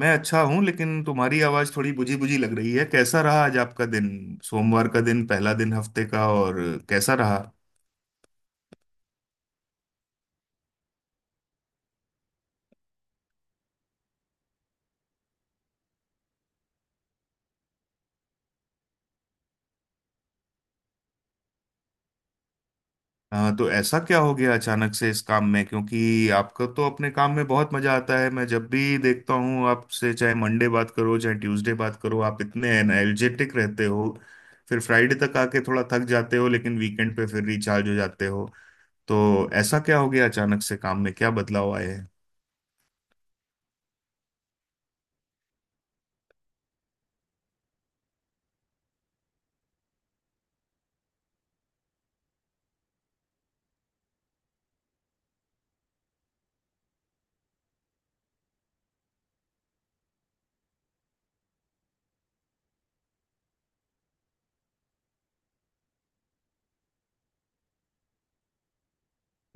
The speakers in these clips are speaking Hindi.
मैं अच्छा हूं, लेकिन तुम्हारी आवाज थोड़ी बुझी बुझी लग रही है। कैसा रहा आज आपका दिन? सोमवार का दिन, पहला दिन हफ्ते का, और कैसा रहा? हाँ, तो ऐसा क्या हो गया अचानक से इस काम में? क्योंकि आपको तो अपने काम में बहुत मजा आता है। मैं जब भी देखता हूँ आपसे, चाहे मंडे बात करो चाहे ट्यूसडे बात करो, आप इतने एनर्जेटिक रहते हो। फिर फ्राइडे तक आके थोड़ा थक जाते हो, लेकिन वीकेंड पे फिर रिचार्ज हो जाते हो। तो ऐसा क्या हो गया अचानक से काम में? क्या बदलाव आए?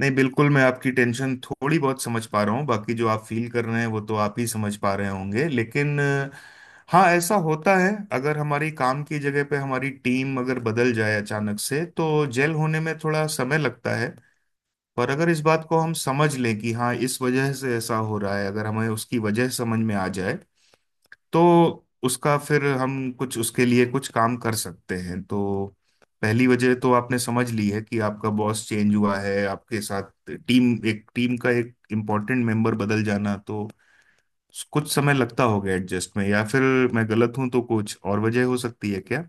नहीं, बिल्कुल मैं आपकी टेंशन थोड़ी बहुत समझ पा रहा हूँ, बाकी जो आप फील कर रहे हैं वो तो आप ही समझ पा रहे होंगे। लेकिन हाँ, ऐसा होता है। अगर हमारी काम की जगह पे हमारी टीम अगर बदल जाए अचानक से, तो जेल होने में थोड़ा समय लगता है। पर अगर इस बात को हम समझ लें कि हाँ, इस वजह से ऐसा हो रहा है, अगर हमें उसकी वजह समझ में आ जाए, तो उसका फिर हम कुछ, उसके लिए कुछ काम कर सकते हैं। तो पहली वजह तो आपने समझ ली है कि आपका बॉस चेंज हुआ है आपके साथ। टीम, एक टीम का एक इम्पोर्टेंट मेंबर बदल जाना, तो कुछ समय लगता होगा एडजस्ट में। या फिर मैं गलत हूं तो कुछ और वजह हो सकती है क्या?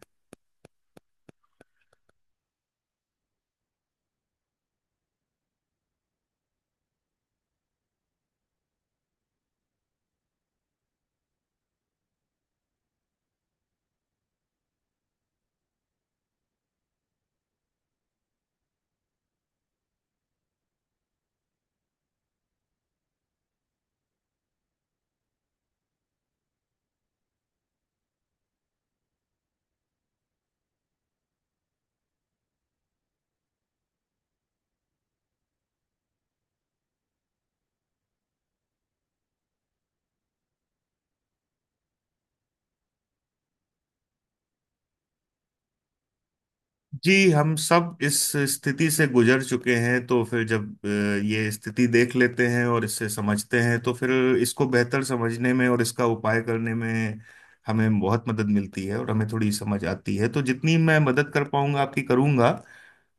जी, हम सब इस स्थिति से गुजर चुके हैं, तो फिर जब ये स्थिति देख लेते हैं और इससे समझते हैं, तो फिर इसको बेहतर समझने में और इसका उपाय करने में हमें बहुत मदद मिलती है, और हमें थोड़ी समझ आती है। तो जितनी मैं मदद कर पाऊंगा आपकी, करूंगा।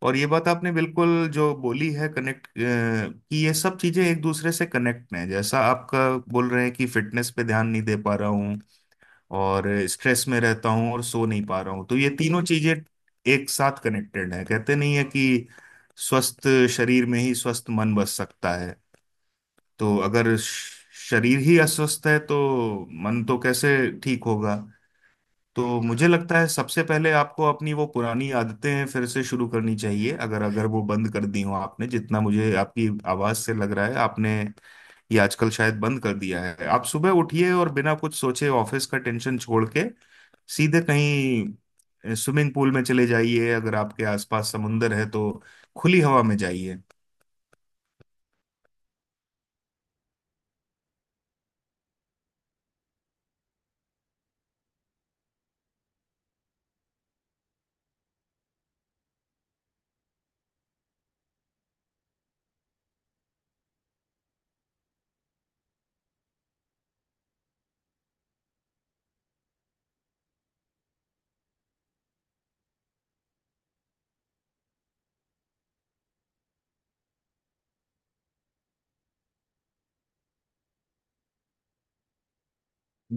और ये बात आपने बिल्कुल जो बोली है, कनेक्ट, कि ये सब चीजें एक दूसरे से कनेक्ट हैं। जैसा आपका बोल रहे हैं कि फिटनेस पे ध्यान नहीं दे पा रहा हूँ, और स्ट्रेस में रहता हूँ, और सो नहीं पा रहा हूँ, तो ये तीनों चीजें एक साथ कनेक्टेड है। कहते नहीं है कि स्वस्थ शरीर में ही स्वस्थ मन बस सकता है। तो अगर शरीर ही अस्वस्थ है, तो मन तो कैसे ठीक होगा? तो मुझे लगता है सबसे पहले आपको अपनी वो पुरानी आदतें फिर से शुरू करनी चाहिए, अगर अगर वो बंद कर दी हो आपने। जितना मुझे आपकी आवाज से लग रहा है, आपने ये आजकल शायद बंद कर दिया है। आप सुबह उठिए और बिना कुछ सोचे ऑफिस का टेंशन छोड़ के सीधे कहीं स्विमिंग पूल में चले जाइए। अगर आपके आसपास समुंदर है तो खुली हवा में जाइए।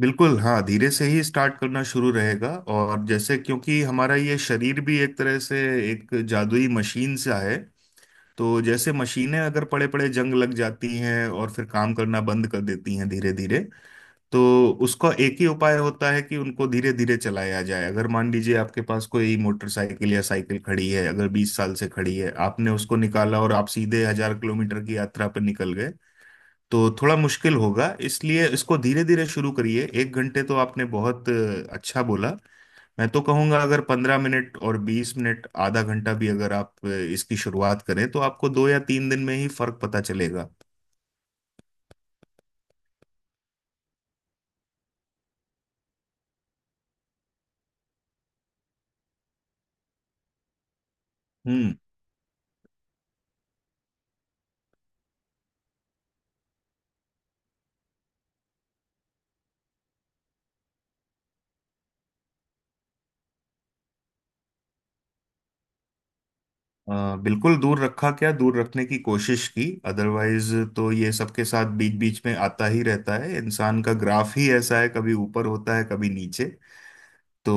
बिल्कुल, हाँ, धीरे से ही स्टार्ट करना शुरू रहेगा। और जैसे, क्योंकि हमारा ये शरीर भी एक तरह से एक जादुई मशीन सा है, तो जैसे मशीनें अगर पड़े पड़े जंग लग जाती हैं और फिर काम करना बंद कर देती हैं धीरे धीरे, तो उसका एक ही उपाय होता है कि उनको धीरे धीरे चलाया जाए। अगर मान लीजिए आपके पास कोई मोटरसाइकिल या साइकिल खड़ी है, अगर 20 साल से खड़ी है, आपने उसको निकाला और आप सीधे 1000 किलोमीटर की यात्रा पर निकल गए, तो थोड़ा मुश्किल होगा। इसलिए इसको धीरे धीरे शुरू करिए। एक घंटे तो आपने बहुत अच्छा बोला। मैं तो कहूंगा अगर 15 मिनट और 20 मिनट, आधा घंटा भी अगर आप इसकी शुरुआत करें, तो आपको दो या तीन दिन में ही फर्क पता चलेगा। हम्म। बिल्कुल दूर रखा, क्या दूर रखने की कोशिश की। अदरवाइज तो ये सबके साथ बीच बीच में आता ही रहता है, इंसान का ग्राफ ही ऐसा है, कभी ऊपर होता है कभी नीचे। तो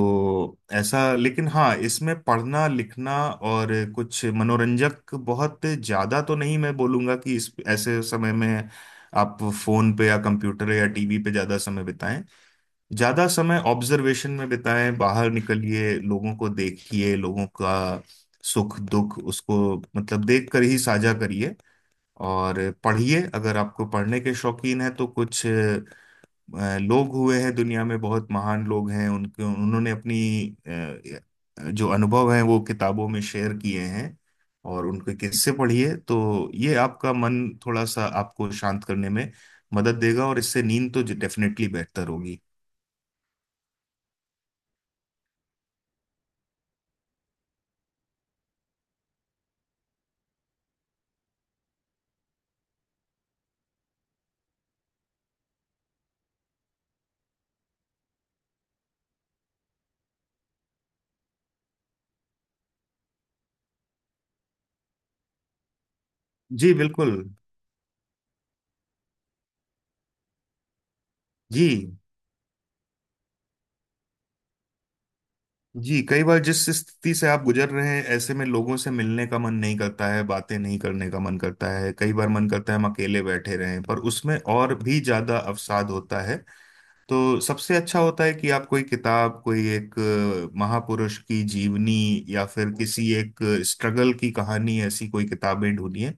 ऐसा, लेकिन हाँ, इसमें पढ़ना लिखना और कुछ मनोरंजक, बहुत ज्यादा तो नहीं मैं बोलूंगा कि इस ऐसे समय में आप फोन पे या कंप्यूटर या टीवी पे ज्यादा समय बिताएं। ज्यादा समय ऑब्जर्वेशन में बिताएं, बाहर निकलिए, लोगों को देखिए, लोगों का सुख दुख, उसको मतलब देख कर ही साझा करिए। और पढ़िए, अगर आपको पढ़ने के शौकीन है, तो कुछ लोग हुए हैं दुनिया में, बहुत महान लोग हैं, उनके उन्होंने अपनी जो अनुभव हैं वो किताबों में शेयर किए हैं, और उनके किस्से पढ़िए। तो ये आपका मन थोड़ा सा आपको शांत करने में मदद देगा, और इससे नींद तो डेफिनेटली बेहतर होगी। जी, बिल्कुल। जी। जी, कई बार जिस स्थिति से आप गुजर रहे हैं, ऐसे में लोगों से मिलने का मन नहीं करता है, बातें नहीं करने का मन करता है। कई बार मन करता है हम अकेले बैठे रहें, पर उसमें और भी ज्यादा अवसाद होता है। तो सबसे अच्छा होता है कि आप कोई किताब, कोई एक महापुरुष की जीवनी, या फिर किसी एक स्ट्रगल की कहानी, ऐसी कोई किताबें ढूंढिए।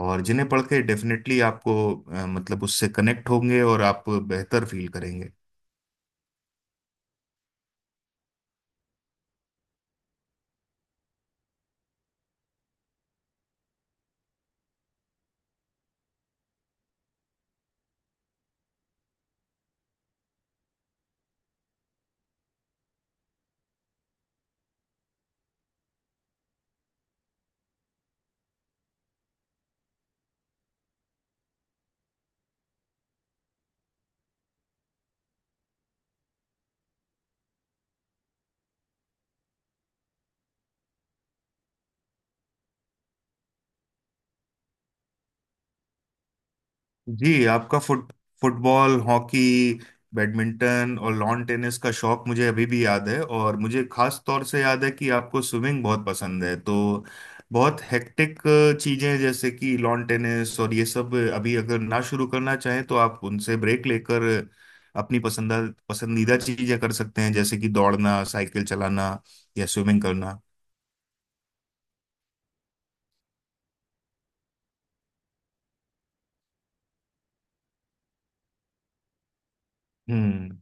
और जिन्हें पढ़ के डेफिनेटली आपको मतलब उससे कनेक्ट होंगे और आप बेहतर फील करेंगे। जी, आपका फुटबॉल, हॉकी, बैडमिंटन और लॉन टेनिस का शौक मुझे अभी भी याद है, और मुझे खास तौर से याद है कि आपको स्विमिंग बहुत पसंद है। तो बहुत हेक्टिक चीजें जैसे कि लॉन टेनिस और ये सब अभी अगर ना शुरू करना चाहें, तो आप उनसे ब्रेक लेकर अपनी पसंदा पसंदीदा चीजें कर सकते हैं, जैसे कि दौड़ना, साइकिल चलाना या स्विमिंग करना। हम्म।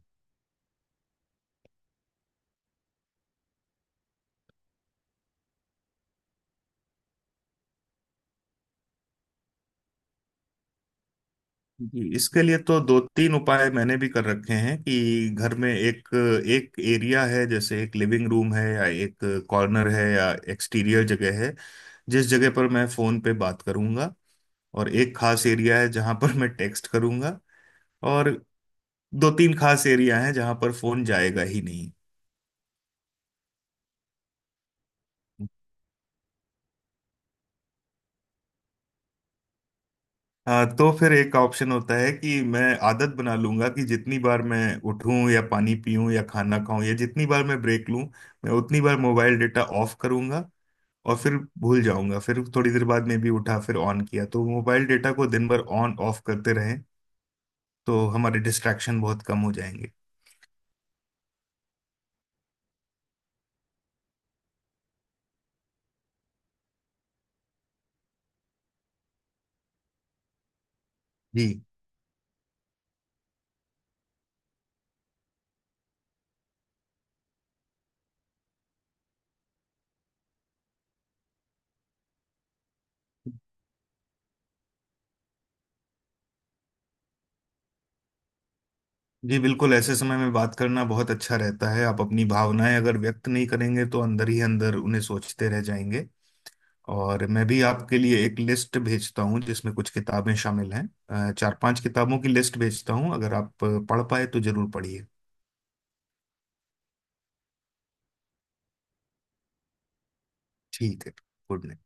जी, इसके लिए तो दो तीन उपाय मैंने भी कर रखे हैं कि घर में एक एक एरिया है, जैसे एक लिविंग रूम है या एक कॉर्नर है या एक्सटीरियर जगह है, जिस जगह पर मैं फोन पे बात करूंगा। और एक खास एरिया है जहां पर मैं टेक्स्ट करूंगा। और दो तीन खास एरिया हैं जहां पर फोन जाएगा ही नहीं। हाँ, तो फिर एक ऑप्शन होता है कि मैं आदत बना लूंगा कि जितनी बार मैं उठूं या पानी पीऊं या खाना खाऊं, या जितनी बार मैं ब्रेक लूं, मैं उतनी बार मोबाइल डेटा ऑफ करूंगा। और फिर भूल जाऊंगा, फिर थोड़ी देर बाद में भी उठा फिर ऑन किया, तो मोबाइल डेटा को दिन भर ऑन ऑफ करते रहें, तो हमारे डिस्ट्रैक्शन बहुत कम हो जाएंगे। जी। जी, बिल्कुल, ऐसे समय में बात करना बहुत अच्छा रहता है। आप अपनी भावनाएं अगर व्यक्त नहीं करेंगे, तो अंदर ही अंदर उन्हें सोचते रह जाएंगे। और मैं भी आपके लिए एक लिस्ट भेजता हूँ जिसमें कुछ किताबें शामिल हैं। 4-5 किताबों की लिस्ट भेजता हूँ, अगर आप पढ़ पाए तो जरूर पढ़िए। ठीक है। Good night.